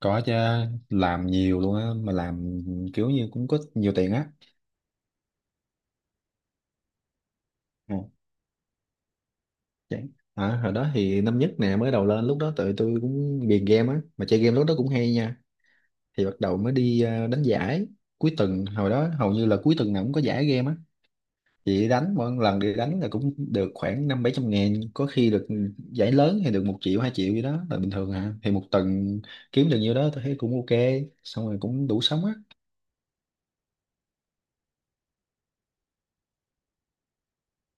Có chứ, làm nhiều luôn á mà làm kiểu như cũng có nhiều tiền á. Ừ, chán. Hồi đó thì năm nhất nè, mới đầu lên lúc đó tụi tôi cũng ghiền game á mà chơi game lúc đó cũng hay nha. Thì bắt đầu mới đi đánh giải. Cuối tuần hồi đó hầu như là cuối tuần nào cũng có giải game á. Thì đánh mỗi lần đi đánh là cũng được khoảng năm bảy trăm ngàn, có khi được. Ừ, Giải lớn thì được một triệu hai triệu gì đó là bình thường à, thì một tuần kiếm được nhiêu đó tôi thấy cũng ok, xong rồi cũng đủ sống á.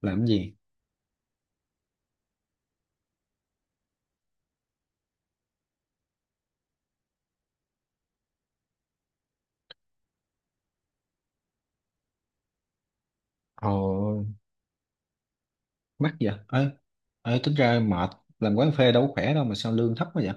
Làm cái gì? Ồ, mắc vậy ấy. Ấy tính ra mệt, làm quán phê đâu có khỏe đâu mà sao lương thấp quá vậy.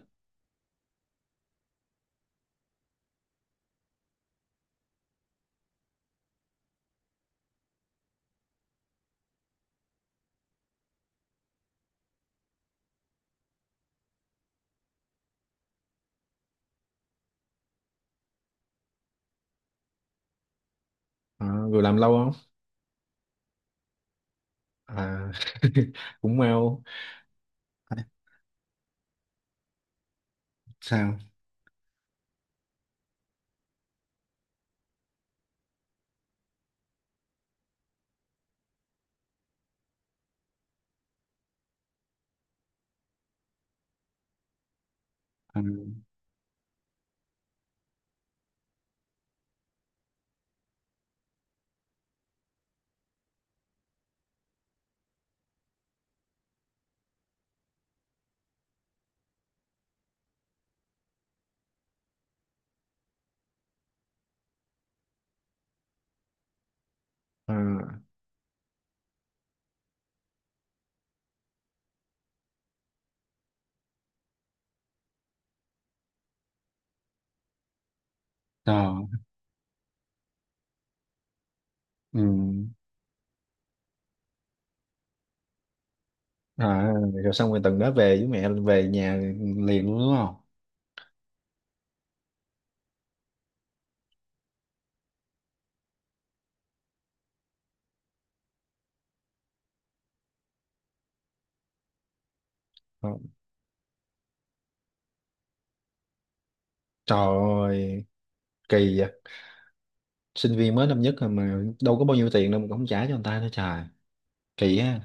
Vừa làm lâu không? à Cũng mau. À, sao? à, à, ờ, ừ. à, Rồi xong rồi tuần đó về với mẹ về nhà liền luôn đúng không? Ờ, trời ơi, kỳ vậy. Sinh viên mới năm nhất rồi mà đâu có bao nhiêu tiền đâu mà cũng không trả cho người ta nữa, trời, kỳ á.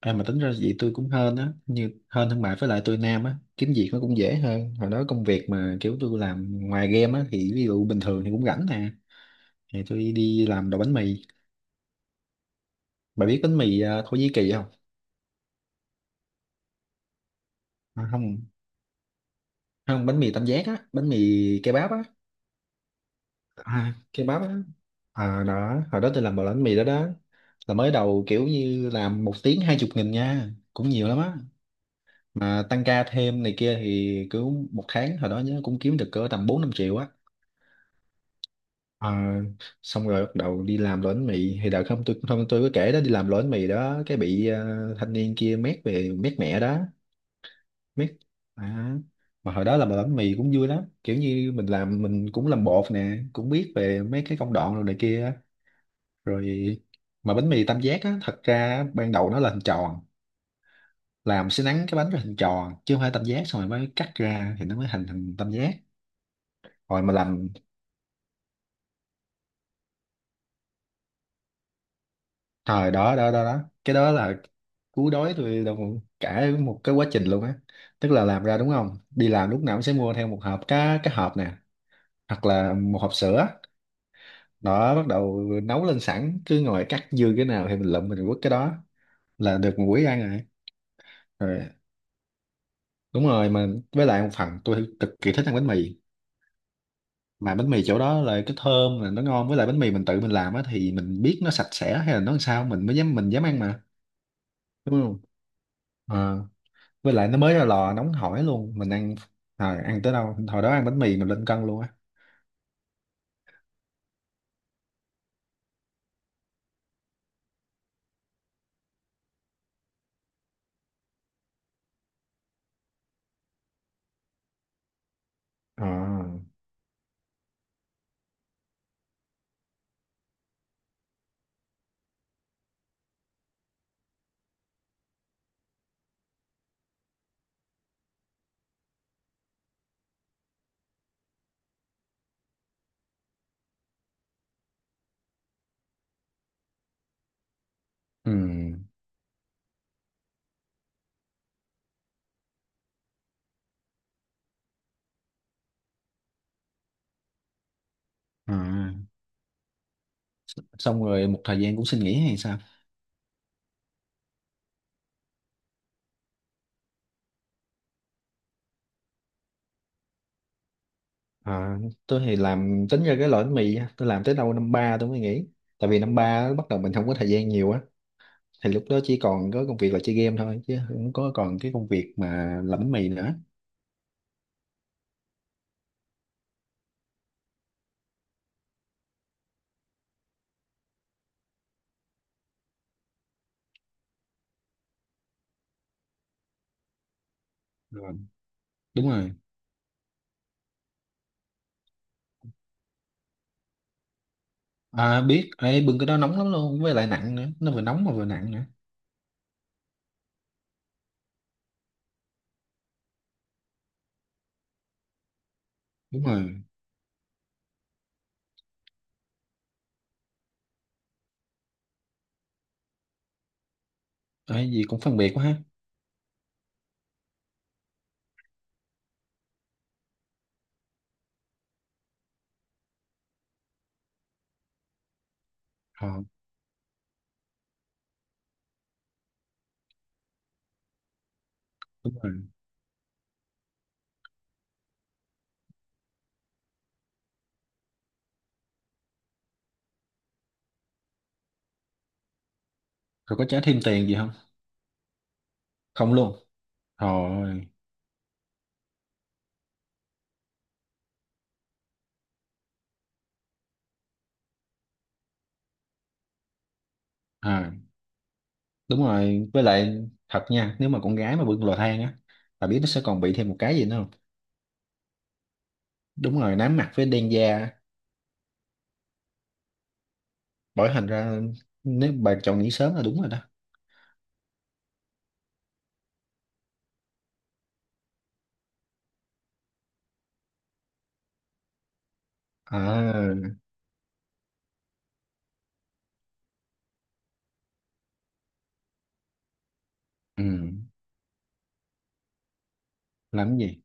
À, mà tính ra vậy tôi cũng hên á, hên thương mại với lại tôi nam á kiếm việc nó cũng dễ hơn. Hồi đó công việc mà kiểu tôi làm ngoài game á thì ví dụ bình thường thì cũng rảnh nè, thì tôi đi làm đồ bánh mì. Bà biết bánh mì Thổ Nhĩ Kỳ không? Không, không, bánh mì tam giác á, bánh mì kebab á. Kebab á. Đó hồi đó tôi làm đồ bánh mì đó. Đó là mới đầu kiểu như làm một tiếng 20.000 nha, cũng nhiều lắm á. Mà tăng ca thêm này kia thì cứ một tháng hồi đó nhớ cũng kiếm được cỡ tầm bốn năm triệu á. Ờ, xong rồi bắt đầu đi làm đồ bánh mì thì đợt không, tôi không, tôi có kể đó, đi làm đồ bánh mì đó cái bị thanh niên kia mét về mét mẹ đó. Mét. à, mà hồi đó làm đồ bánh mì cũng vui lắm, kiểu như mình làm, mình cũng làm bột nè, cũng biết về mấy cái công đoạn rồi này kia á. Rồi, mà bánh mì tam giác á, thật ra ban đầu nó là hình tròn. Làm sẽ nắn cái bánh ra hình tròn chứ không phải tam giác, xong rồi mới cắt ra thì nó mới thành thành tam giác. Rồi mà làm. Thời đó đó, cái đó là cú đói tôi đồng cả một cái quá trình luôn á. Tức là làm ra đúng không, đi làm lúc nào cũng sẽ mua theo một hộp cá, cái hộp nè, hoặc là một hộp sữa. Đó bắt đầu nấu lên sẵn cứ ngồi cắt dư cái nào thì mình lụm mình quất cái đó, là được một buổi ăn rồi. Rồi, đúng rồi mà, với lại một phần tôi cực kỳ thích ăn bánh mì. Mà bánh mì chỗ đó là cái thơm là nó ngon, với lại bánh mì mình tự mình làm á thì mình biết nó sạch sẽ hay là nó làm sao mình mới dám, mình dám ăn mà. Đúng không? Ờ. Với lại nó mới ra lò nóng hổi luôn mình ăn. Ăn tới đâu hồi đó ăn bánh mì mình lên cân luôn á. À. Ừ. À. Xong rồi một thời gian cũng xin nghỉ hay sao? à, tôi thì làm tính ra cái loại bánh mì á, tôi làm tới đâu năm ba tôi mới nghỉ. Tại vì năm ba bắt đầu mình không có thời gian nhiều á, thì lúc đó chỉ còn có công việc là chơi game thôi chứ không có còn cái công việc mà làm bánh mì nữa. Ừ. Đúng rồi. Biết. Ê, bưng cái đó nóng lắm luôn với lại nặng nữa, nó vừa nóng mà vừa nặng nữa. Đúng rồi. Ê, gì cũng phân biệt quá ha. Ờ, đúng rồi. Rồi có trả thêm tiền gì không? Không luôn. Rồi. à, Đúng rồi. Với lại thật nha, nếu mà con gái mà bưng lò than á, bà biết nó sẽ còn bị thêm một cái gì nữa không? Đúng rồi, nám mặt với đen da. Bởi thành ra, nếu bà chọn nghỉ sớm là đúng rồi đó. À. Ừ. Làm cái gì?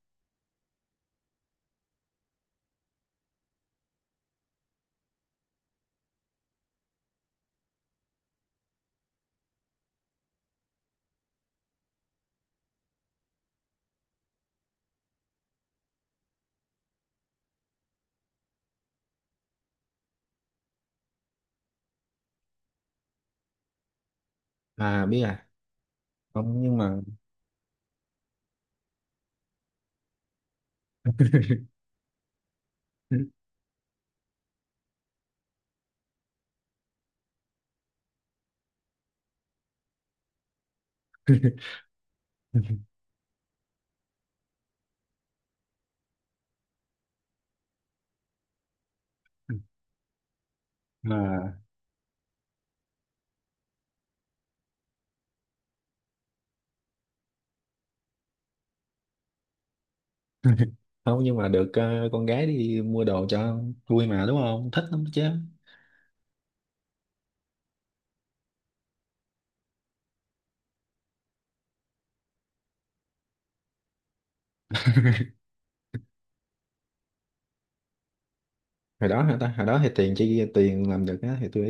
À, biết à. Không, nhưng mà... à, Không, nhưng mà được, con gái đi mua đồ cho vui mà, đúng không? Thích lắm chứ. Hồi đó hả ta, hồi đó thì tiền, chỉ tiền làm được á thì tôi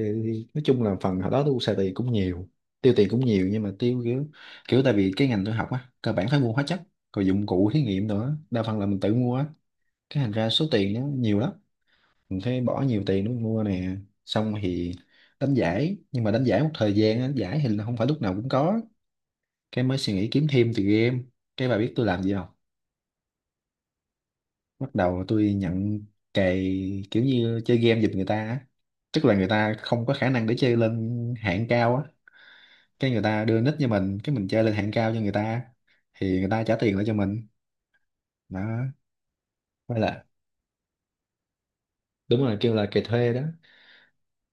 nói chung là phần hồi đó tôi xài tiền cũng nhiều. Tiêu tiền cũng nhiều nhưng mà tiêu kiểu, tại vì cái ngành tôi học á cơ bản phải mua hóa chất, rồi dụng cụ thí nghiệm nữa, đa phần là mình tự mua á. Cái thành ra số tiền nó nhiều lắm, mình phải bỏ nhiều tiền để mình mua nè. Xong thì đánh giải, nhưng mà đánh giải một thời gian á, đánh giải thì là không phải lúc nào cũng có. Cái mới suy nghĩ kiếm thêm từ game. Cái bà biết tôi làm gì không? Bắt đầu tôi nhận cày, kiểu như chơi game giùm người ta á. Tức là người ta không có khả năng để chơi lên hạng cao á, cái người ta đưa nick cho mình, cái mình chơi lên hạng cao cho người ta. Thì người ta trả tiền lại cho mình đó. Với là đúng rồi, kêu là cày thuê đó.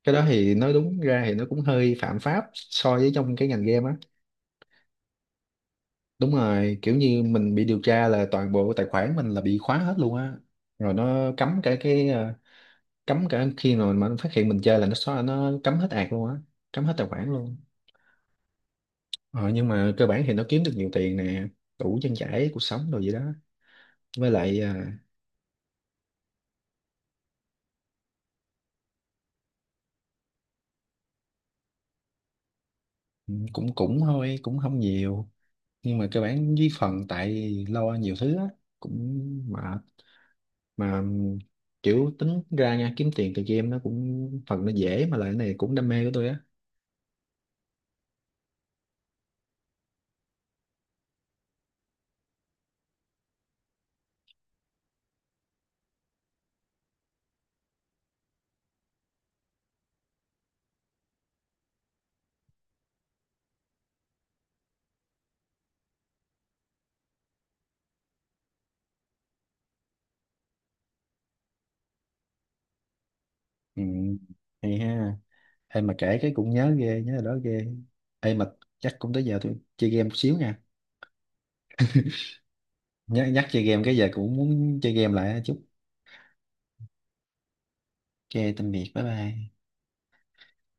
Cái đó thì nói đúng ra thì nó cũng hơi phạm pháp so với trong cái ngành game á. Đúng rồi, kiểu như mình bị điều tra là toàn bộ tài khoản mình là bị khóa hết luôn á. Rồi nó cấm cả cái, cấm cả khi mà nó phát hiện mình chơi là nó xóa, nó cấm hết ạc luôn á. Cấm hết tài khoản luôn. Ờ, nhưng mà cơ bản thì nó kiếm được nhiều tiền nè, đủ trang trải cuộc sống rồi gì đó. Với lại cũng cũng thôi cũng không nhiều. Nhưng mà cơ bản với phần tại lo nhiều thứ á, cũng mệt mà. Kiểu tính ra nha, kiếm tiền từ game nó cũng phần nó dễ mà lại cái này cũng đam mê của tôi á. Ừ, hay ha. Hay mà kể cái cũng nhớ ghê, nhớ là đó ghê. Hay mà. Chắc cũng tới giờ tôi chơi game một xíu nha. Nhắc nhắc chơi game cái giờ cũng muốn chơi game lại chút. Ok, tạm biệt, bye bye.